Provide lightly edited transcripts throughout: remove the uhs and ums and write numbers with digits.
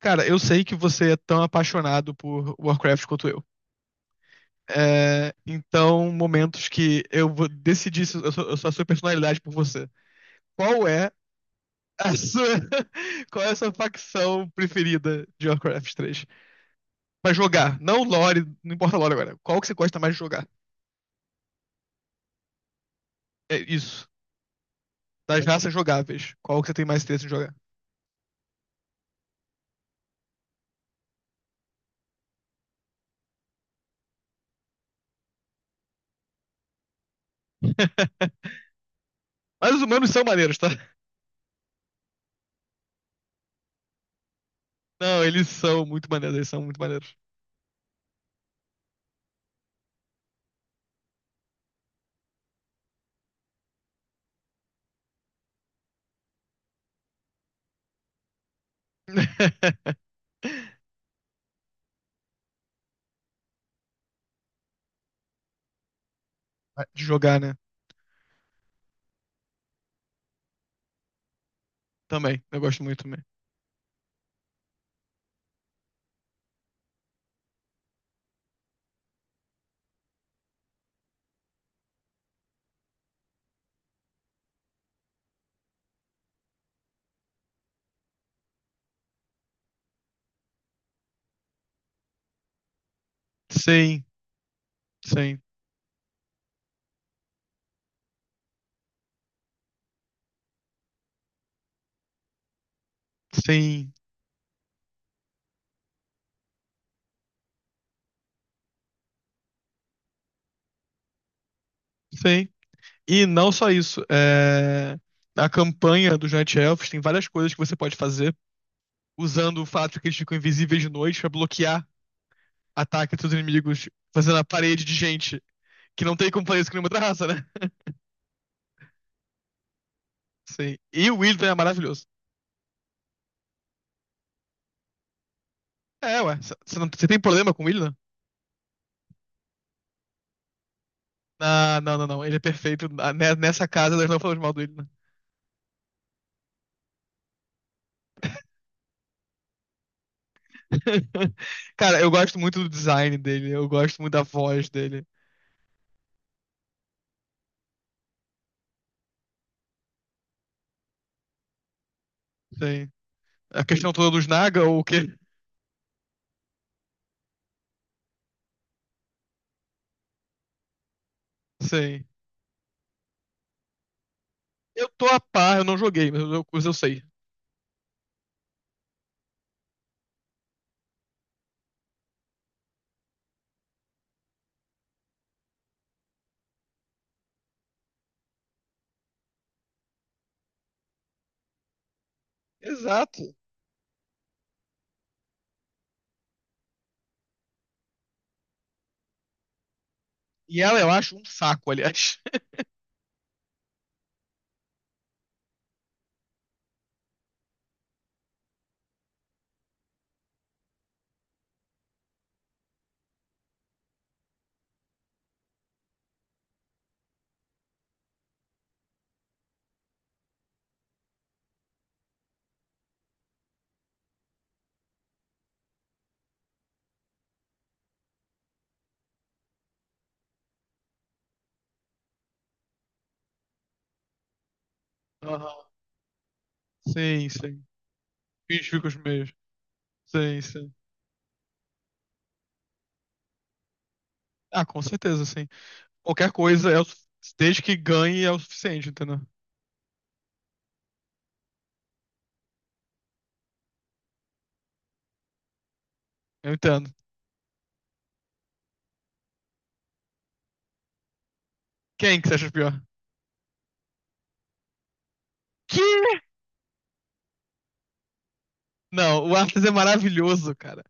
Cara, eu sei que você é tão apaixonado por Warcraft quanto eu. É, então, momentos que eu vou decidir se eu sou, a sua personalidade por você. Qual é a sua, qual é a sua facção preferida de Warcraft 3? Pra jogar, não lore, não importa lore agora. Qual que você gosta mais de jogar? É isso. Das raças jogáveis, qual que você tem mais interesse em jogar? Mas os humanos são maneiros, tá? Não, eles são muito maneiros, eles são muito maneiros. De jogar, né? Também, eu gosto muito também. Sim, sim, sim, sim. E não só isso, é... a campanha dos Night Elves tem várias coisas que você pode fazer usando o fato de que eles ficam invisíveis de noite pra bloquear ataques dos inimigos, fazendo a parede de gente que não tem como fazer isso com nenhuma outra raça, né? Sim. E o Illidan é maravilhoso. É, ué, você não... cê tem problema com o Illidan? Ah, não, não, não, ele é perfeito. Ah, nessa casa nós não falamos mal do Illidan. Cara, eu gosto muito do design dele, eu gosto muito da voz dele. Sim. A questão toda dos Naga ou o quê? Sim. Eu tô a par, eu não joguei, mas eu sei. Exato. E ela, eu acho, um saco, aliás. Aham. Sim, sim. Fiz fico os meus. Sim, sim. Ah, com certeza, sim. Qualquer coisa, é o, desde que ganhe, é o suficiente, entendeu? Eu entendo. Quem que você acha pior? Que? Não, o Arthur é maravilhoso, cara.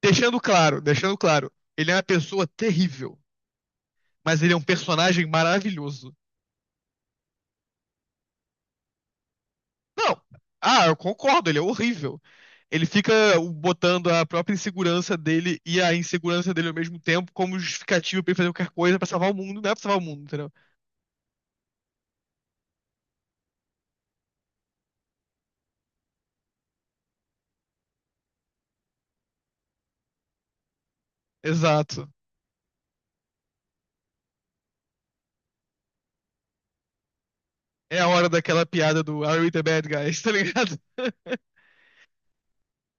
Deixando claro, deixando claro. Ele é uma pessoa terrível, mas ele é um personagem maravilhoso. Não. Ah, eu concordo, ele é horrível. Ele fica botando a própria insegurança dele e a insegurança dele ao mesmo tempo como justificativa pra ele fazer qualquer coisa pra salvar o mundo. Não é pra salvar o mundo, entendeu? Exato. É a hora daquela piada do Are we the bad guys, tá ligado?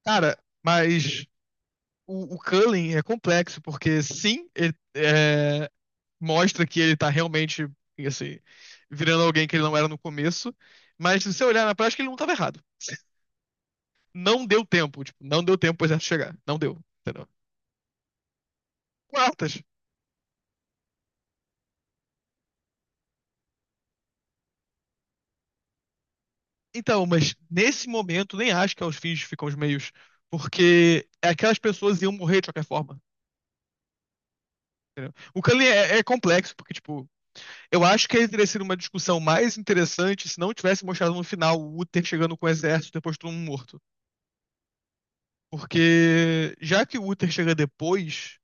Cara, mas o Cullen é complexo, porque sim, ele é, mostra que ele tá realmente, assim, virando alguém que ele não era no começo, mas se você olhar na prática, ele não tava errado. Não deu tempo, tipo, não deu tempo pro exército chegar. Não deu, entendeu? Quartas. Então, mas nesse momento, nem acho que é os fins ficam os meios, porque aquelas pessoas iam morrer de qualquer forma. Entendeu? O Kali é, é complexo, porque, tipo, eu acho que ele teria sido uma discussão mais interessante se não tivesse mostrado no final o Uther chegando com o exército depois de todo mundo morto. Porque já que o Uther chega depois,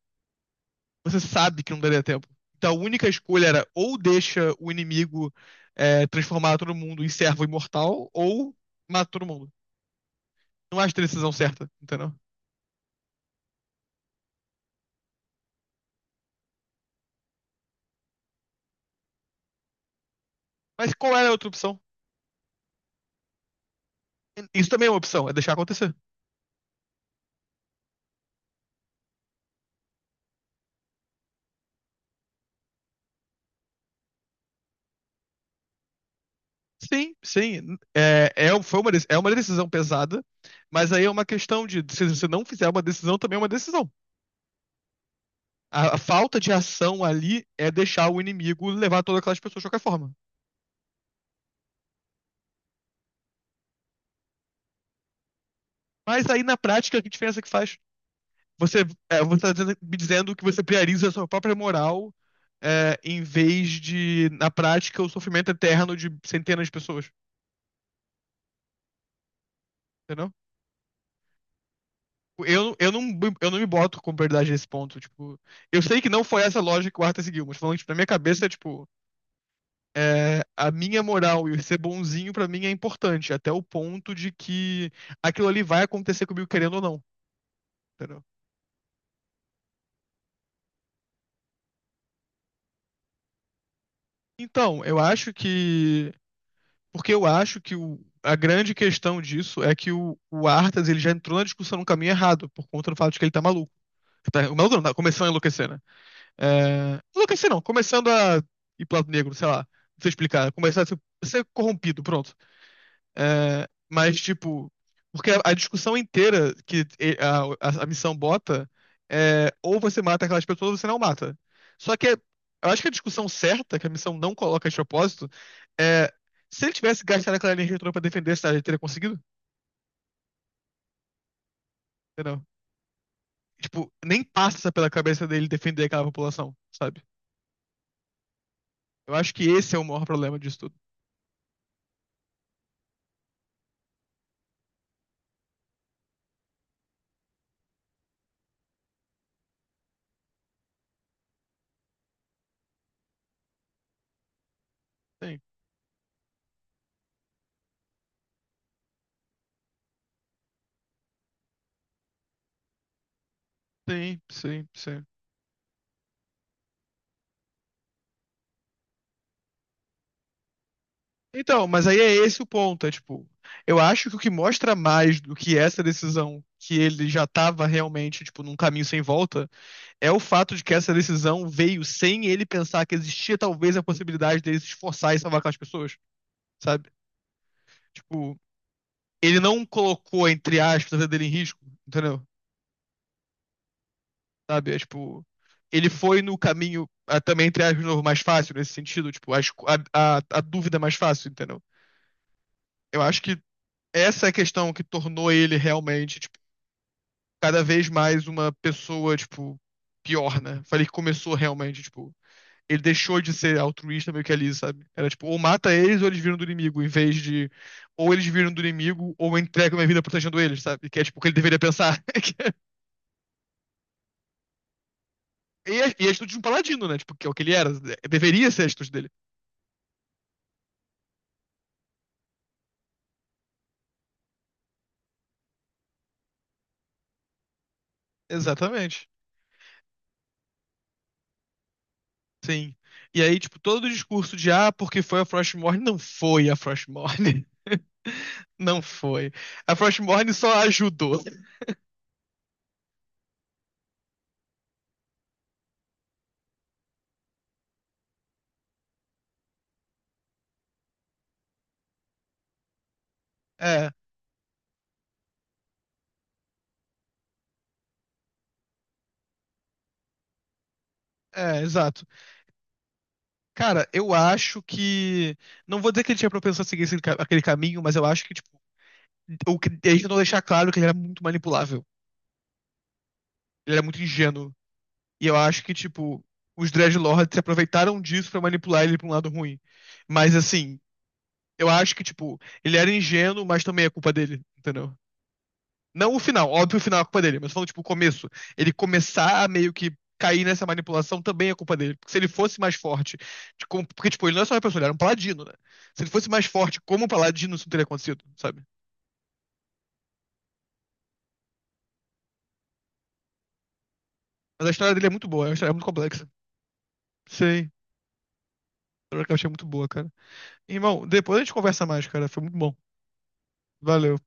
você sabe que não daria tempo. Então a única escolha era ou deixa o inimigo é, transformar todo mundo em servo imortal, ou mata todo mundo. Não acho a decisão certa, entendeu? Mas qual era a outra opção? Isso também é uma opção, é deixar acontecer. Sim, sim. É, é, foi uma, é uma decisão pesada, mas aí é uma questão de se você não fizer uma decisão, também é uma decisão. A falta de ação ali é deixar o inimigo levar todas aquelas pessoas de qualquer forma. Mas aí na prática, que diferença que faz? Você, é, me dizendo que você prioriza a sua própria moral, é, em vez de, na prática, o sofrimento eterno de centenas de pessoas, entendeu? Eu, não, eu não me boto com prioridade nesse ponto, tipo... Eu sei que não foi essa lógica que o Arthur seguiu, mas falando, tipo, na minha cabeça, tipo... é, a minha moral e ser bonzinho pra mim é importante, até o ponto de que aquilo ali vai acontecer comigo querendo ou não, entendeu? Então, eu acho que porque eu acho que a grande questão disso é que o Arthas ele já entrou na discussão num caminho errado, por conta do fato de que ele tá maluco. O maluco não, tá começando a enlouquecer, né? É, enlouquecer não, começando a ir pro lado negro, sei lá, não sei explicar, começar a ser, ser corrompido, pronto. É, mas, tipo, porque a discussão inteira a missão bota é ou você mata aquelas pessoas ou você não mata. Só que é, eu acho que a discussão certa, que a missão não coloca de propósito, é se ele tivesse gastado aquela energia toda pra defender a cidade, ele teria conseguido? Entendeu? Tipo, nem passa pela cabeça dele defender aquela população, sabe? Eu acho que esse é o maior problema disso tudo. Sim, sim, sim, sim. Então, mas aí é esse o ponto, é tipo, eu acho que o que mostra mais do que essa decisão que ele já tava realmente, tipo, num caminho sem volta, é o fato de que essa decisão veio sem ele pensar que existia talvez a possibilidade dele se esforçar e salvar aquelas pessoas, sabe? Tipo, ele não colocou, entre aspas, a vida dele em risco, entendeu? Sabe? É tipo, ele foi no caminho, ah, também, entre aspas, de novo, mais fácil nesse sentido, tipo, a, a, a dúvida é mais fácil, entendeu? Eu acho que essa é a questão que tornou ele realmente, cada vez mais uma pessoa, tipo, pior, né? Falei que começou realmente, tipo, ele deixou de ser altruísta meio que ali, sabe? Era tipo, ou mata eles ou eles viram do inimigo, em vez de ou eles viram do inimigo ou eu entrego minha vida protegendo eles, sabe? Que é tipo o que ele deveria pensar. E a atitude de um paladino, né? Tipo, que é o que ele era. Né? Deveria ser a atitude dele. Exatamente. Sim. E aí, tipo, todo o discurso de ah, porque foi a Frostmourne, não foi a Frostmourne. Não foi. A Frostmourne só ajudou. É, é, exato. Cara, eu acho que. Não vou dizer que ele tinha propensão a seguir esse aquele caminho, mas eu acho que, tipo, o que a gente não deixar claro que ele era muito manipulável. Ele era muito ingênuo. E eu acho que, tipo, os Dreadlords se aproveitaram disso pra manipular ele pra um lado ruim. Mas, assim, eu acho que, tipo, ele era ingênuo, mas também é culpa dele, entendeu? Não o final, óbvio, o final é culpa dele, mas falando, tipo, o começo. Ele começar a meio que cair nessa manipulação também é culpa dele. Porque se ele fosse mais forte, porque, tipo, ele não é só uma pessoa, ele era um paladino, né? Se ele fosse mais forte como um paladino, isso não teria acontecido, sabe? Mas a história dele é muito boa, é uma história muito complexa. Sei, a história que eu achei muito boa, cara. Irmão, depois a gente conversa mais, cara. Foi muito bom. Valeu.